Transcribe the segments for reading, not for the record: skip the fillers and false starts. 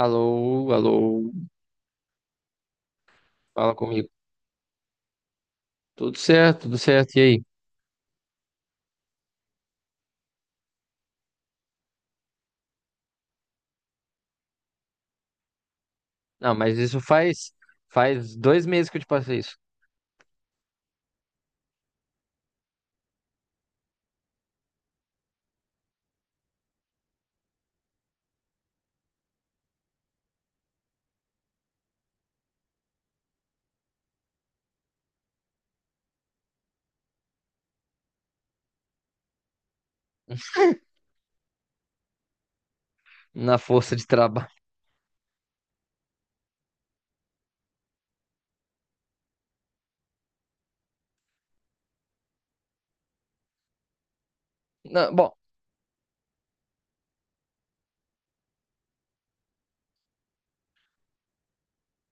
Alô, alô, fala comigo. Tudo certo, e aí? Não, mas isso faz dois meses que eu te passei isso na força de trabalho. Não, bom,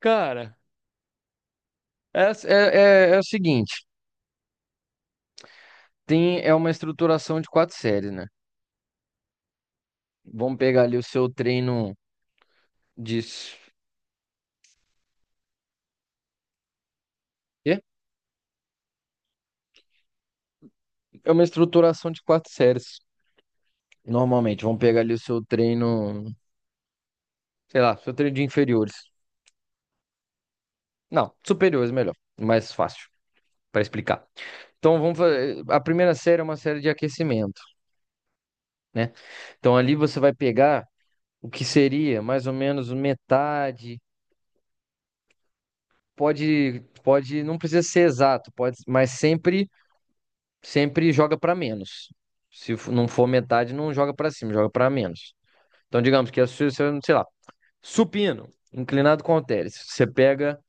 cara, é o seguinte, tem é uma estruturação de quatro séries, né? Vamos pegar ali o seu treino de s- quê? É uma estruturação de quatro séries, normalmente. Vamos pegar ali o seu treino, sei lá, seu treino de inferiores. Não, superiores melhor, mais fácil para explicar. Então vamos fazer. A primeira série é uma série de aquecimento, né? Então ali você vai pegar o que seria mais ou menos metade. Pode, pode, não precisa ser exato, pode, mas sempre, sempre joga para menos. Se f- Não for metade, não joga para cima, joga para menos. Então digamos que sei lá, supino, inclinado com halteres, você pega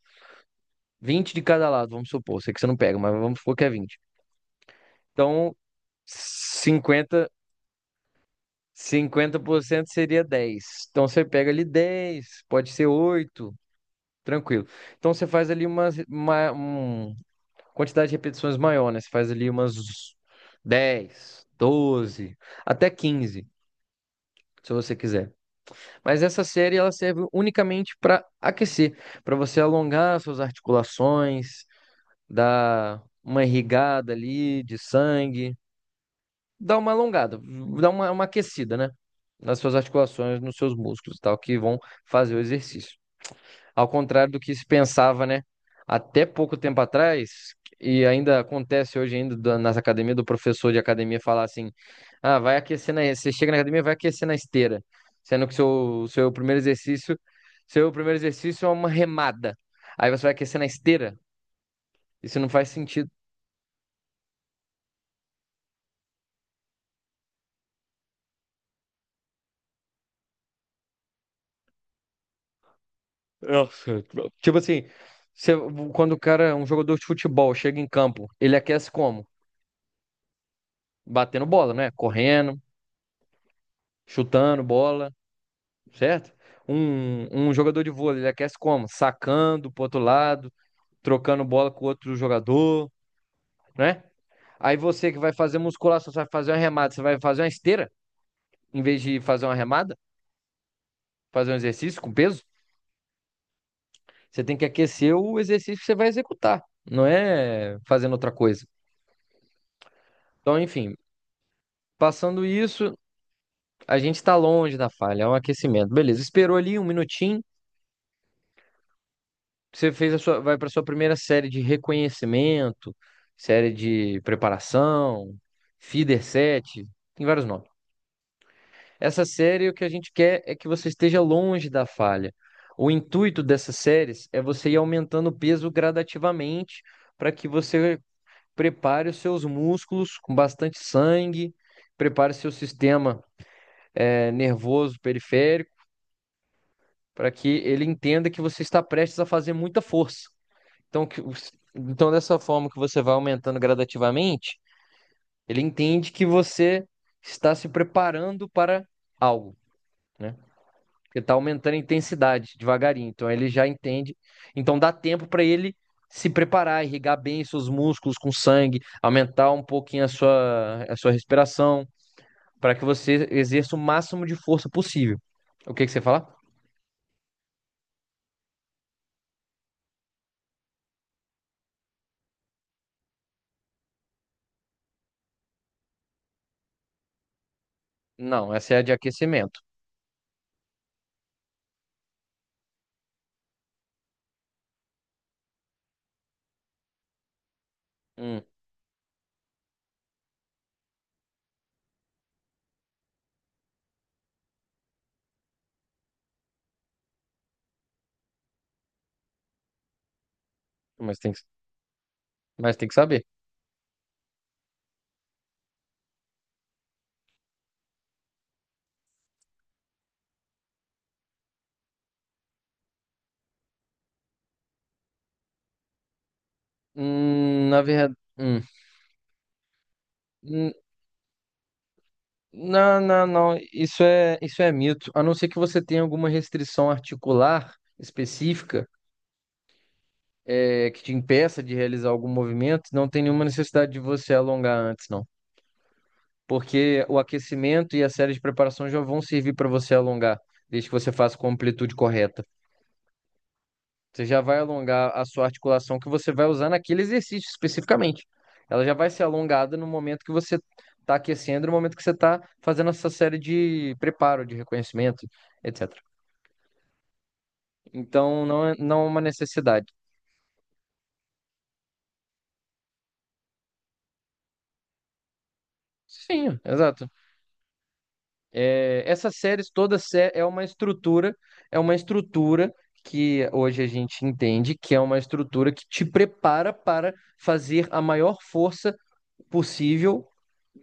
20 de cada lado, vamos supor, sei que você não pega, mas vamos supor que é 20. Então 50 50% seria dez. Então você pega ali 10, pode ser 8, tranquilo. Então você faz ali umas quantidade de repetições maior, né? Você faz ali umas 10, 12, até 15, se você quiser. Mas essa série ela serve unicamente para aquecer, para você alongar suas articulações, dar uma irrigada ali de sangue, dá uma alongada, dá uma aquecida, né? Nas suas articulações, nos seus músculos e tal, que vão fazer o exercício. Ao contrário do que se pensava, né? Até pouco tempo atrás, e ainda acontece hoje ainda nas academias, do professor de academia falar assim, ah, você chega na academia, vai aquecer na esteira. Sendo que seu primeiro exercício, seu primeiro exercício é uma remada. Aí você vai aquecer na esteira. Isso não faz sentido. Nossa, tipo assim, você- quando o cara, um jogador de futebol, chega em campo, ele aquece como? Batendo bola, né? Correndo, chutando bola, certo? Um jogador de vôlei, ele aquece como? Sacando pro outro lado, trocando bola com outro jogador, né? Aí você que vai fazer musculação, você vai fazer uma remada, você vai fazer uma esteira, em vez de fazer uma remada, fazer um exercício com peso, você tem que aquecer o exercício que você vai executar, não é fazendo outra coisa. Então, enfim. Passando isso, a gente tá longe da falha, é um aquecimento. Beleza, esperou ali um minutinho, você fez a sua, vai para sua primeira série de reconhecimento, série de preparação, feeder set, tem vários nomes. Essa série, o que a gente quer é que você esteja longe da falha. O intuito dessas séries é você ir aumentando o peso gradativamente para que você prepare os seus músculos com bastante sangue, prepare seu sistema, nervoso periférico, para que ele entenda que você está prestes a fazer muita força. Então, então, dessa forma que você vai aumentando gradativamente, ele entende que você está se preparando para algo, né? Porque está aumentando a intensidade devagarinho. Então, ele já entende. Então, dá tempo para ele se preparar, irrigar bem seus músculos com sangue, aumentar um pouquinho a sua respiração, para que você exerça o máximo de força possível. O que que você fala? Não, essa é a de aquecimento. Hum, mas tem que Mas tem que saber. Na verdade. Hum. Hum, não, não, não. Isso é mito. A não ser que você tenha alguma restrição articular específica, que te impeça de realizar algum movimento, não tem nenhuma necessidade de você alongar antes, não. Porque o aquecimento e a série de preparação já vão servir para você alongar, desde que você faça com a amplitude correta. Você já vai alongar a sua articulação que você vai usar naquele exercício especificamente. Ela já vai ser alongada no momento que você está aquecendo, no momento que você está fazendo essa série de preparo, de reconhecimento, etc. Então, não é uma necessidade. Sim, exato. É, essas séries todas é uma estrutura que hoje a gente entende que é uma estrutura que te prepara para fazer a maior força possível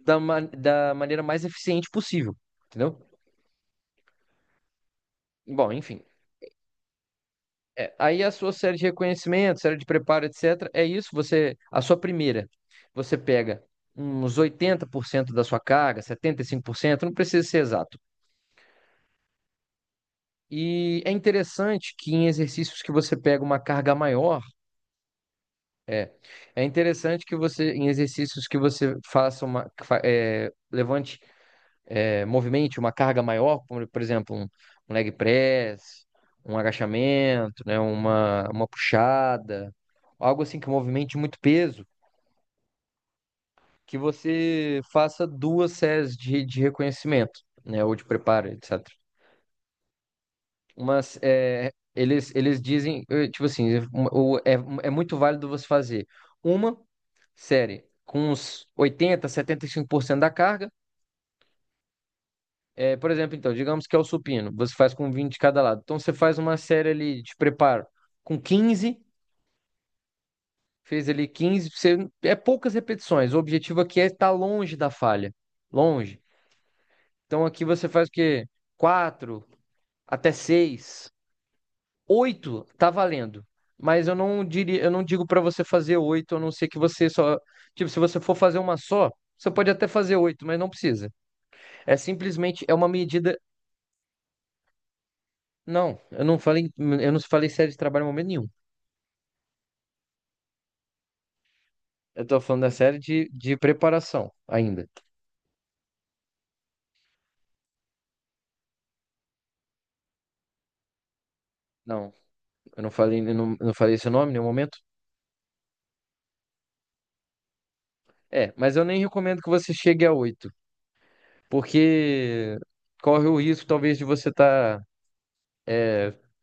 da maneira mais eficiente possível, entendeu? Bom, enfim. É, aí a sua série de reconhecimento, série de preparo, etc. É isso, você, a sua primeira, você pega uns 80% da sua carga, 75%. Não precisa ser exato. E é interessante que em exercícios que você pega uma carga maior, é é interessante que você, em exercícios que você faça uma, que fa- é, levante movimente uma carga maior, como, por exemplo, um leg press, um agachamento, né, uma puxada, algo assim que movimente muito peso, que você faça duas séries de reconhecimento, né, ou de preparo, etc. Mas é, eles dizem, tipo assim, o- é, é muito válido você fazer uma série com uns oitenta, setenta e cinco por cento da carga. É, por exemplo, então, digamos que é o supino, você faz com 20 de cada lado. Então você faz uma série ali de preparo com 15, fez ali 15, você, é poucas repetições. O objetivo aqui é estar longe da falha, longe. Então aqui você faz o quê? Quatro até seis, 8 tá valendo. Mas eu não diria, eu não digo para você fazer 8 a não ser que você só, tipo, se você for fazer uma só, você pode até fazer oito, mas não precisa. É simplesmente é uma medida. Não, eu não falei série de trabalho em momento nenhum. Eu tô falando da série de preparação ainda. Não, eu não falei esse nome em nenhum momento. É, mas eu nem recomendo que você chegue a oito, porque corre o risco talvez de você estar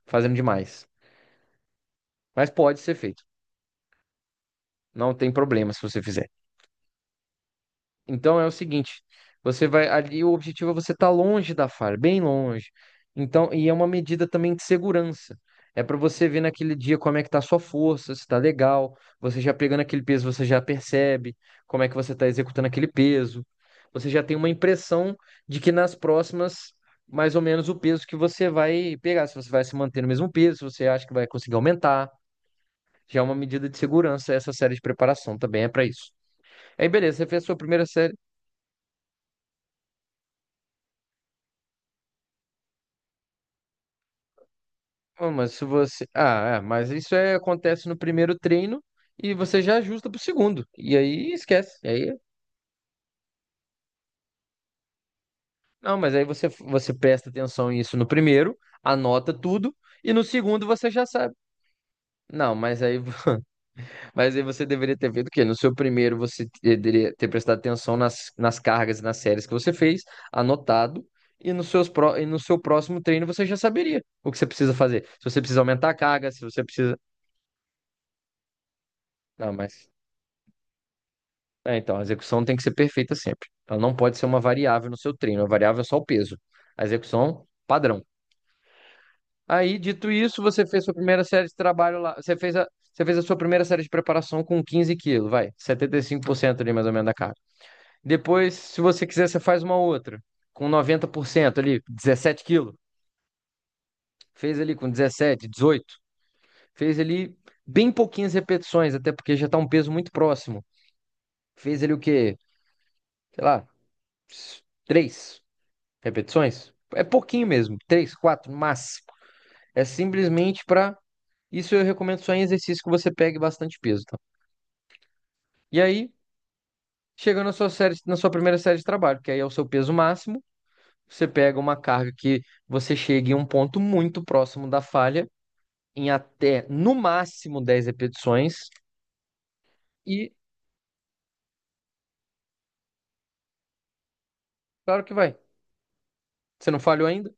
fazendo demais. Mas pode ser feito. Não tem problema se você fizer. Então é o seguinte, você vai ali, o objetivo é você estar longe da falha, bem longe. Então, e é uma medida também de segurança. É para você ver naquele dia como é que tá a sua força, se tá legal, você já pegando aquele peso, você já percebe como é que você está executando aquele peso. Você já tem uma impressão de que nas próximas, mais ou menos o peso que você vai pegar, se você vai se manter no mesmo peso, se você acha que vai conseguir aumentar. Já é uma medida de segurança, essa série de preparação também é para isso. Aí, beleza, você fez a sua primeira série. Pô, mas se você. Ah, mas isso é, acontece no primeiro treino e você já ajusta pro segundo. E aí esquece. E aí, não, mas aí você presta atenção nisso no primeiro, anota tudo, e no segundo você já sabe. Não, mas aí, mas aí você deveria ter feito o quê? No seu primeiro você deveria ter prestado atenção nas cargas e nas séries que você fez, anotado, e, e no seu próximo treino você já saberia o que você precisa fazer. Se você precisa aumentar a carga, se você precisa. Não, mas. É, então, a execução tem que ser perfeita sempre. Ela não pode ser uma variável no seu treino. A variável é só o peso. A execução, padrão. Aí, dito isso, você fez sua primeira série de trabalho lá. Você fez a sua primeira série de preparação com 15 quilos, vai. Setenta e cinco por cento ali, mais ou menos, da carga. Depois, se você quiser, você faz uma outra. Com 90% ali, dezessete quilos. Fez ali com 17, 18. Fez ali bem pouquinhas repetições, até porque já está um peso muito próximo. Fez ali o quê? Sei lá, três repetições. É pouquinho mesmo, três, quatro, mas é simplesmente para isso eu recomendo só em exercício que você pegue bastante peso, tá? E aí, chegando na sua série, na sua primeira série de trabalho, que aí é o seu peso máximo, você pega uma carga que você chegue em um ponto muito próximo da falha, em até no máximo 10 repetições, e claro que vai. Você não falhou ainda?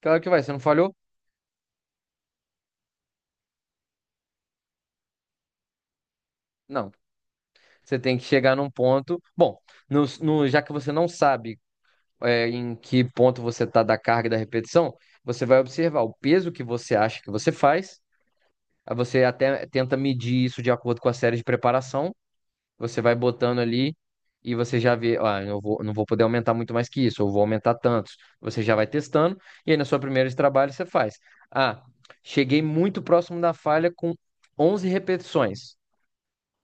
Claro que vai. Você não falhou? Não. Você tem que chegar num ponto. Bom, já que você não sabe em que ponto você está da carga e da repetição, você vai observar o peso que você acha que você faz, aí você até tenta medir isso de acordo com a série de preparação, você vai botando ali e você já vê, ah, não vou poder aumentar muito mais que isso, eu vou aumentar tantos. Você já vai testando e aí na sua primeira de trabalho você faz. Ah, cheguei muito próximo da falha com 11 repetições.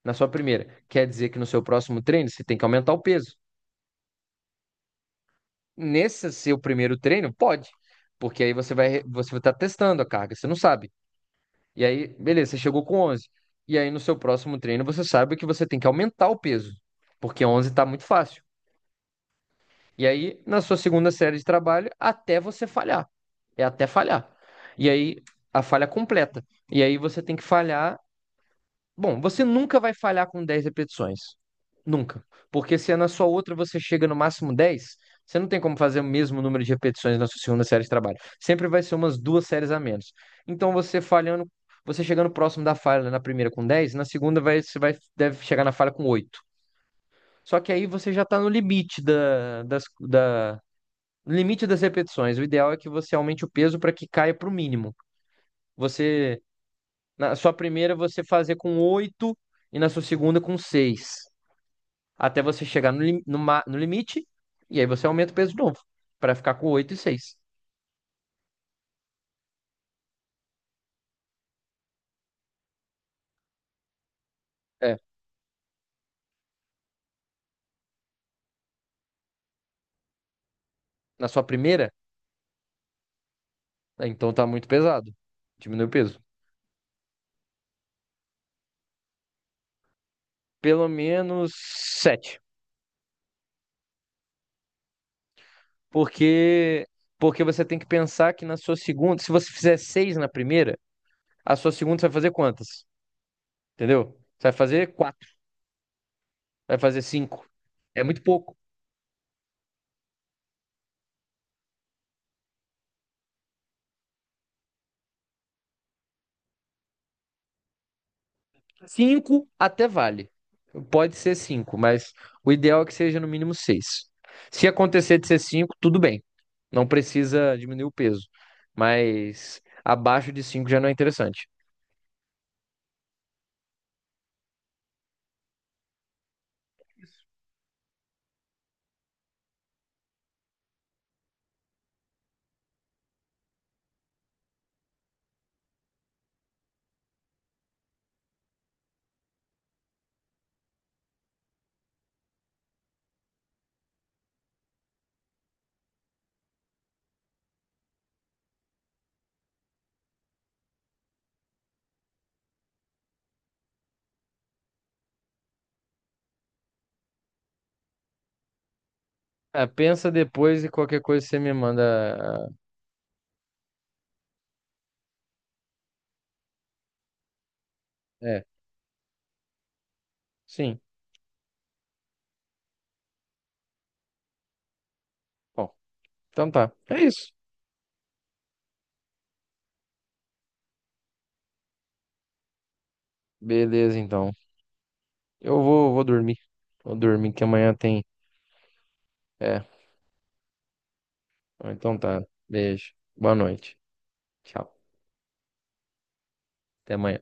Na sua primeira, quer dizer que no seu próximo treino você tem que aumentar o peso. Nesse seu primeiro treino, pode. Porque aí você vai estar testando a carga, você não sabe. E aí, beleza, você chegou com 11. E aí no seu próximo treino você sabe que você tem que aumentar o peso, porque 11 está muito fácil. E aí na sua segunda série de trabalho, até você falhar. É até falhar. E aí a falha completa. E aí você tem que falhar. Bom, você nunca vai falhar com 10 repetições. Nunca. Porque se é na sua outra você chega no máximo dez, você não tem como fazer o mesmo número de repetições na sua segunda série de trabalho. Sempre vai ser umas duas séries a menos. Então você falhando, você chegando próximo da falha na primeira com dez, na segunda vai, deve chegar na falha com oito. Só que aí você já está no limite no limite das repetições. O ideal é que você aumente o peso para que caia para o mínimo. Você na sua primeira você fazer com oito e na sua segunda com seis. Até você chegar no limite, e aí você aumenta o peso de novo para ficar com oito e seis. É, na sua primeira, né, então tá muito pesado. Diminui o peso. Pelo menos sete. Porque porque você tem que pensar que na sua segunda, se você fizer seis na primeira, a sua segunda você vai fazer quantas? Entendeu? Você vai fazer quatro, vai fazer cinco. É muito pouco. Cinco até vale. Pode ser cinco, mas o ideal é que seja no mínimo seis. Se acontecer de ser cinco, tudo bem. Não precisa diminuir o peso. Mas abaixo de cinco já não é interessante. É, pensa depois e qualquer coisa você me manda. Ah, é, sim. Bom, então tá. É isso. Beleza, então. Eu vou dormir. Vou dormir que amanhã tem. É. Então tá. Beijo. Boa noite. Tchau. Até amanhã.